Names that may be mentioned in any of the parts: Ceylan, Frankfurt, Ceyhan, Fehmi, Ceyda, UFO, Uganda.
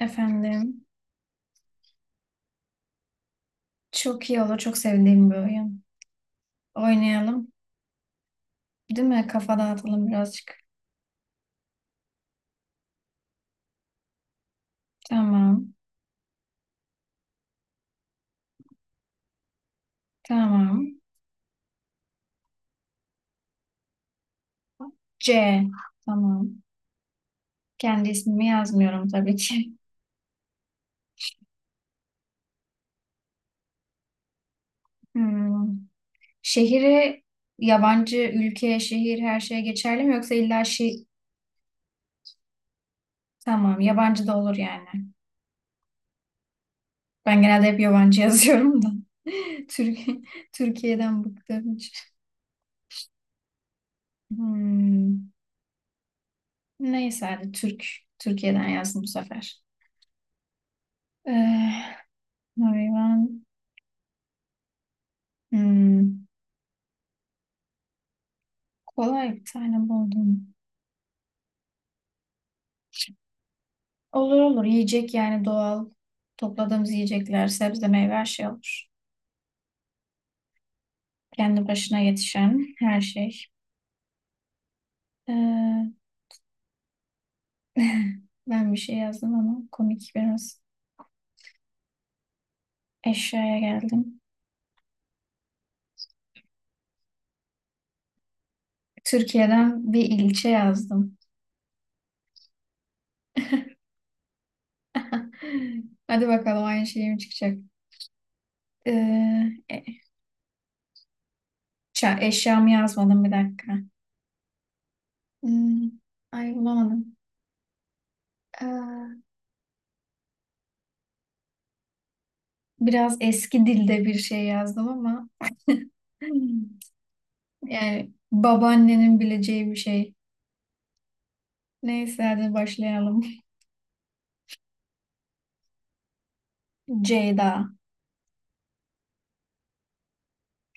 Efendim. Çok iyi olur. Çok sevdiğim bir oyun. Oynayalım. Değil mi? Kafa dağıtalım birazcık. Tamam. Tamam. C. Tamam. Kendi ismimi yazmıyorum tabii ki. Hmm. Şehri yabancı ülke, şehir her şeye geçerli mi yoksa illa şey tamam, yabancı da olur yani. Ben genelde hep yabancı yazıyorum da. Türkiye Türkiye'den bıktım hiç. Hmm. Neyse hadi Türkiye'den yazdım bu sefer. Ee, Hayvan. Hmm, Kolay bir tane buldum. Olur olur. Yiyecek yani doğal. Topladığımız yiyecekler, sebze, meyve her şey olur. Kendi başına yetişen her şey. Ee, ben bir şey yazdım ama komik biraz. Eşyaya geldim. Türkiye'den bir ilçe yazdım. Hadi bakalım aynı şey mi çıkacak? Ee, e- eşyamı yazmadım bir dakika. Hmm, ay bulamadım. Ee, biraz eski dilde bir şey yazdım ama yani babaannenin bileceği bir şey. Neyse hadi başlayalım. Ceyda.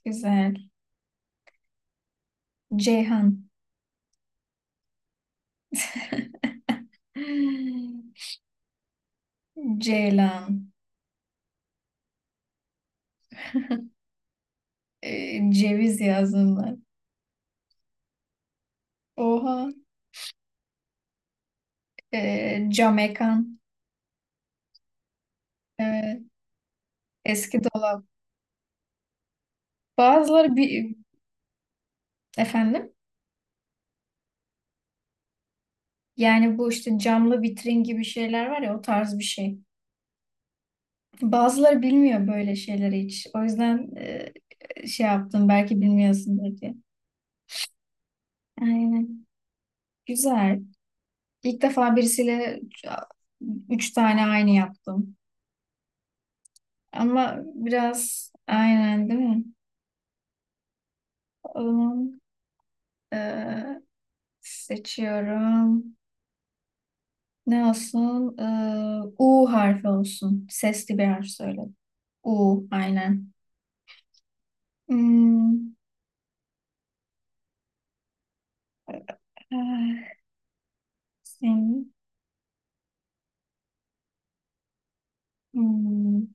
Güzel. Ceyhan. Ceylan. Ceviz yazdım ben. Oha. Camekan. Evet. Eski dolap. Bazıları bir... Efendim? Yani bu işte camlı vitrin gibi şeyler var ya, o tarz bir şey. Bazıları bilmiyor böyle şeyleri hiç. O yüzden şey yaptım belki bilmiyorsun diye. Aynen. Güzel. İlk defa birisiyle üç tane aynı yaptım. Ama biraz aynen değil mi? O zaman eee, seçiyorum. Ne olsun? U harfi olsun. Sesli bir harf söyle. U aynen. Hmm, eh, senin- hmm.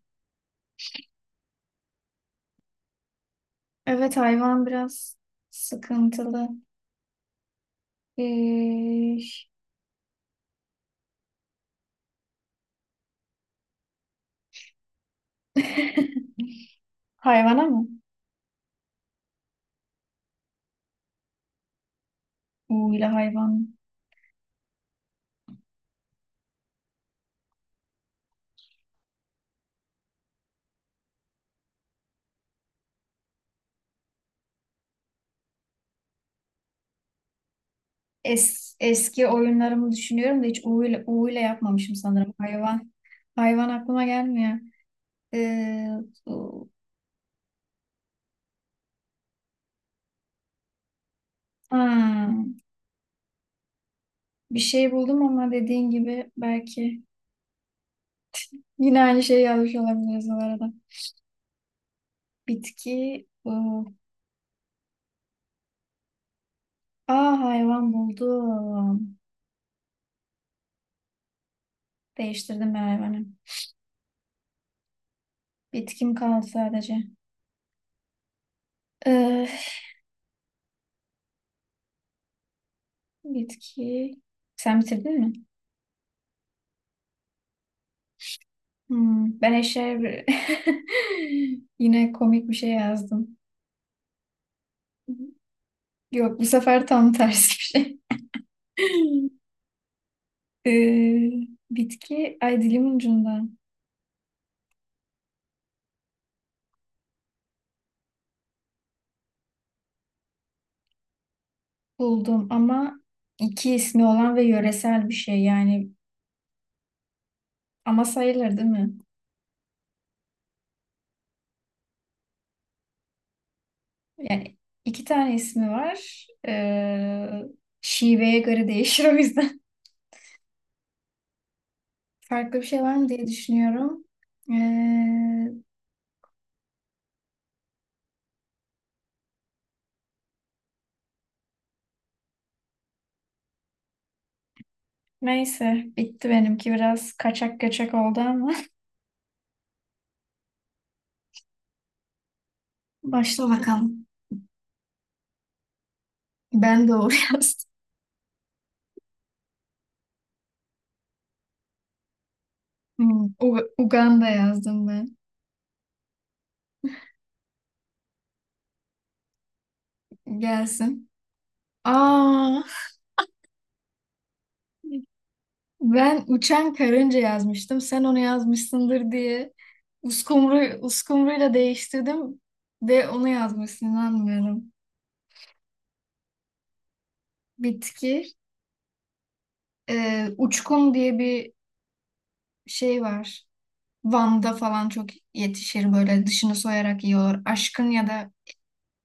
Evet hayvan biraz sıkıntılı. Eh, hayvana mı? U ile hayvan. Eski oyunlarımı düşünüyorum da hiç U ile yapmamışım sanırım. Hayvan. Hayvan aklıma gelmiyor. Ee, u- ha, bir şey buldum ama dediğin gibi belki yine aynı şeyi yazmış olabiliriz o arada. Bitki. Aa, hayvan buldum. Değiştirdim ben hayvanı. Bitkim kaldı sadece. Ee, bitki. Sen bitirdin mi? Ben eşeğe yine komik bir şey yazdım. Yok bu sefer tam tersi bir şey. Ee, bitki, ay dilimin ucunda buldum ama iki ismi olan ve yöresel bir şey yani, ama sayılır değil mi? Yani iki tane ismi var. Şiveye göre değişir o yüzden. Farklı bir şey var mı diye düşünüyorum. Ee, neyse bitti benimki, biraz kaçak kaçak oldu ama. Başla bakalım. Ben doğru yazdım. Uganda yazdım ben. Gelsin. Aa, ben uçan karınca yazmıştım. Sen onu yazmışsındır diye uskumruyla değiştirdim ve onu yazmışsın, inanmıyorum. Bitki. Uçkun diye bir şey var. Van'da falan çok yetişir, böyle dışını soyarak yiyorlar. Aşkın ya da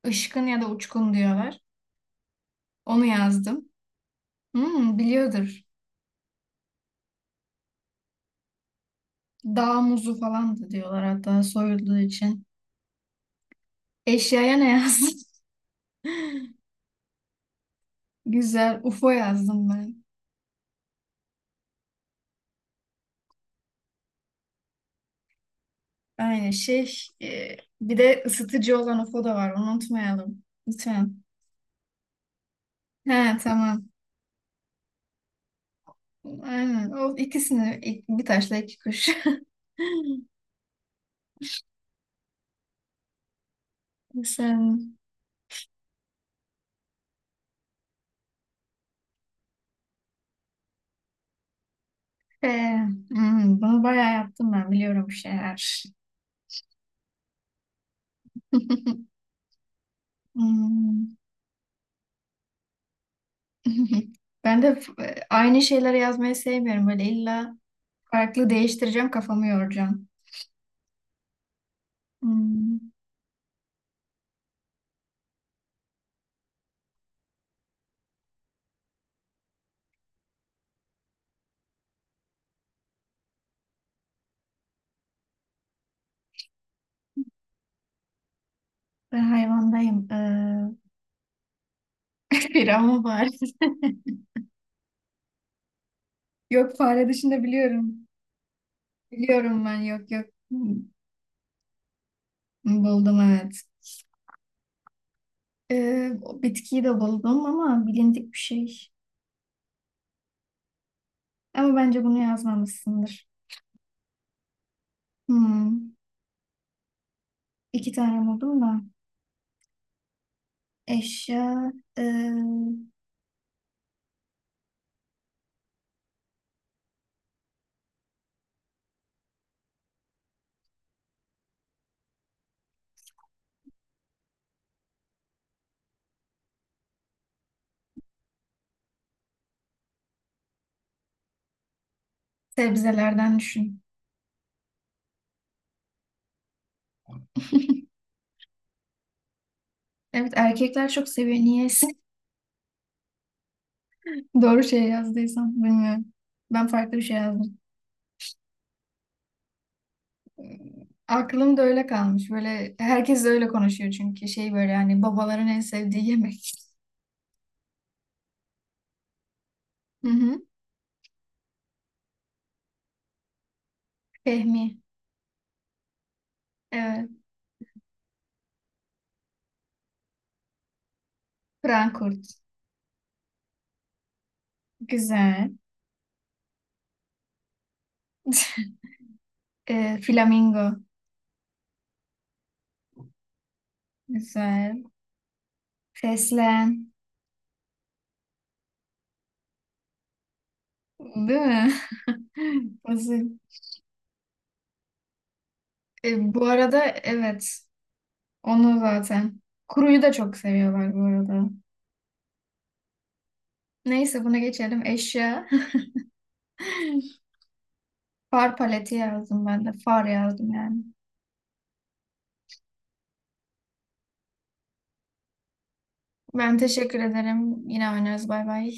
ışkın ya da uçkun diyorlar. Onu yazdım. Hmm, biliyordur. Dağ muzu falan da diyorlar hatta soyulduğu için. Eşyaya ne yazdın? Güzel. UFO yazdım ben. Aynı şey. e, bir de ısıtıcı olan UFO da var. Onu unutmayalım. Lütfen. He tamam. Aynen. O ikisini bir taşla iki kuş. Sen e, bunu bayağı yaptım ben. Biliyorum bir şeyler. Hmm. Ben de aynı şeyleri yazmayı sevmiyorum. Böyle illa farklı değiştireceğim, kafamı yoracağım. Hmm. Ben hayvandayım. Bir ama var. Yok, fare dışında biliyorum. Biliyorum ben, yok yok. Buldum evet. O bitkiyi de buldum ama bilindik bir şey. Ama bence bunu yazmamışsındır. Hmm. İki tane buldum da. Eşya, ee, sebzelerden düşün. Evet, erkekler çok seviyor. Niyeyse doğru şey yazdıysam bilmiyorum. Ben farklı bir şey yazdım. Aklımda öyle kalmış. Böyle herkes de öyle konuşuyor çünkü şey, böyle yani babaların en sevdiği yemek. Hı hı. Fehmi. Evet. Frankfurt. Güzel. Flamingo. Güzel. Fesleğen. Değil mi? Basit. Bu arada evet. Onu zaten. Kuruyu da çok seviyorlar bu arada. Neyse bunu geçelim. Eşya. Far paleti yazdım ben de. Far yazdım yani. Ben teşekkür ederim. Yine oynarız. Bay bay.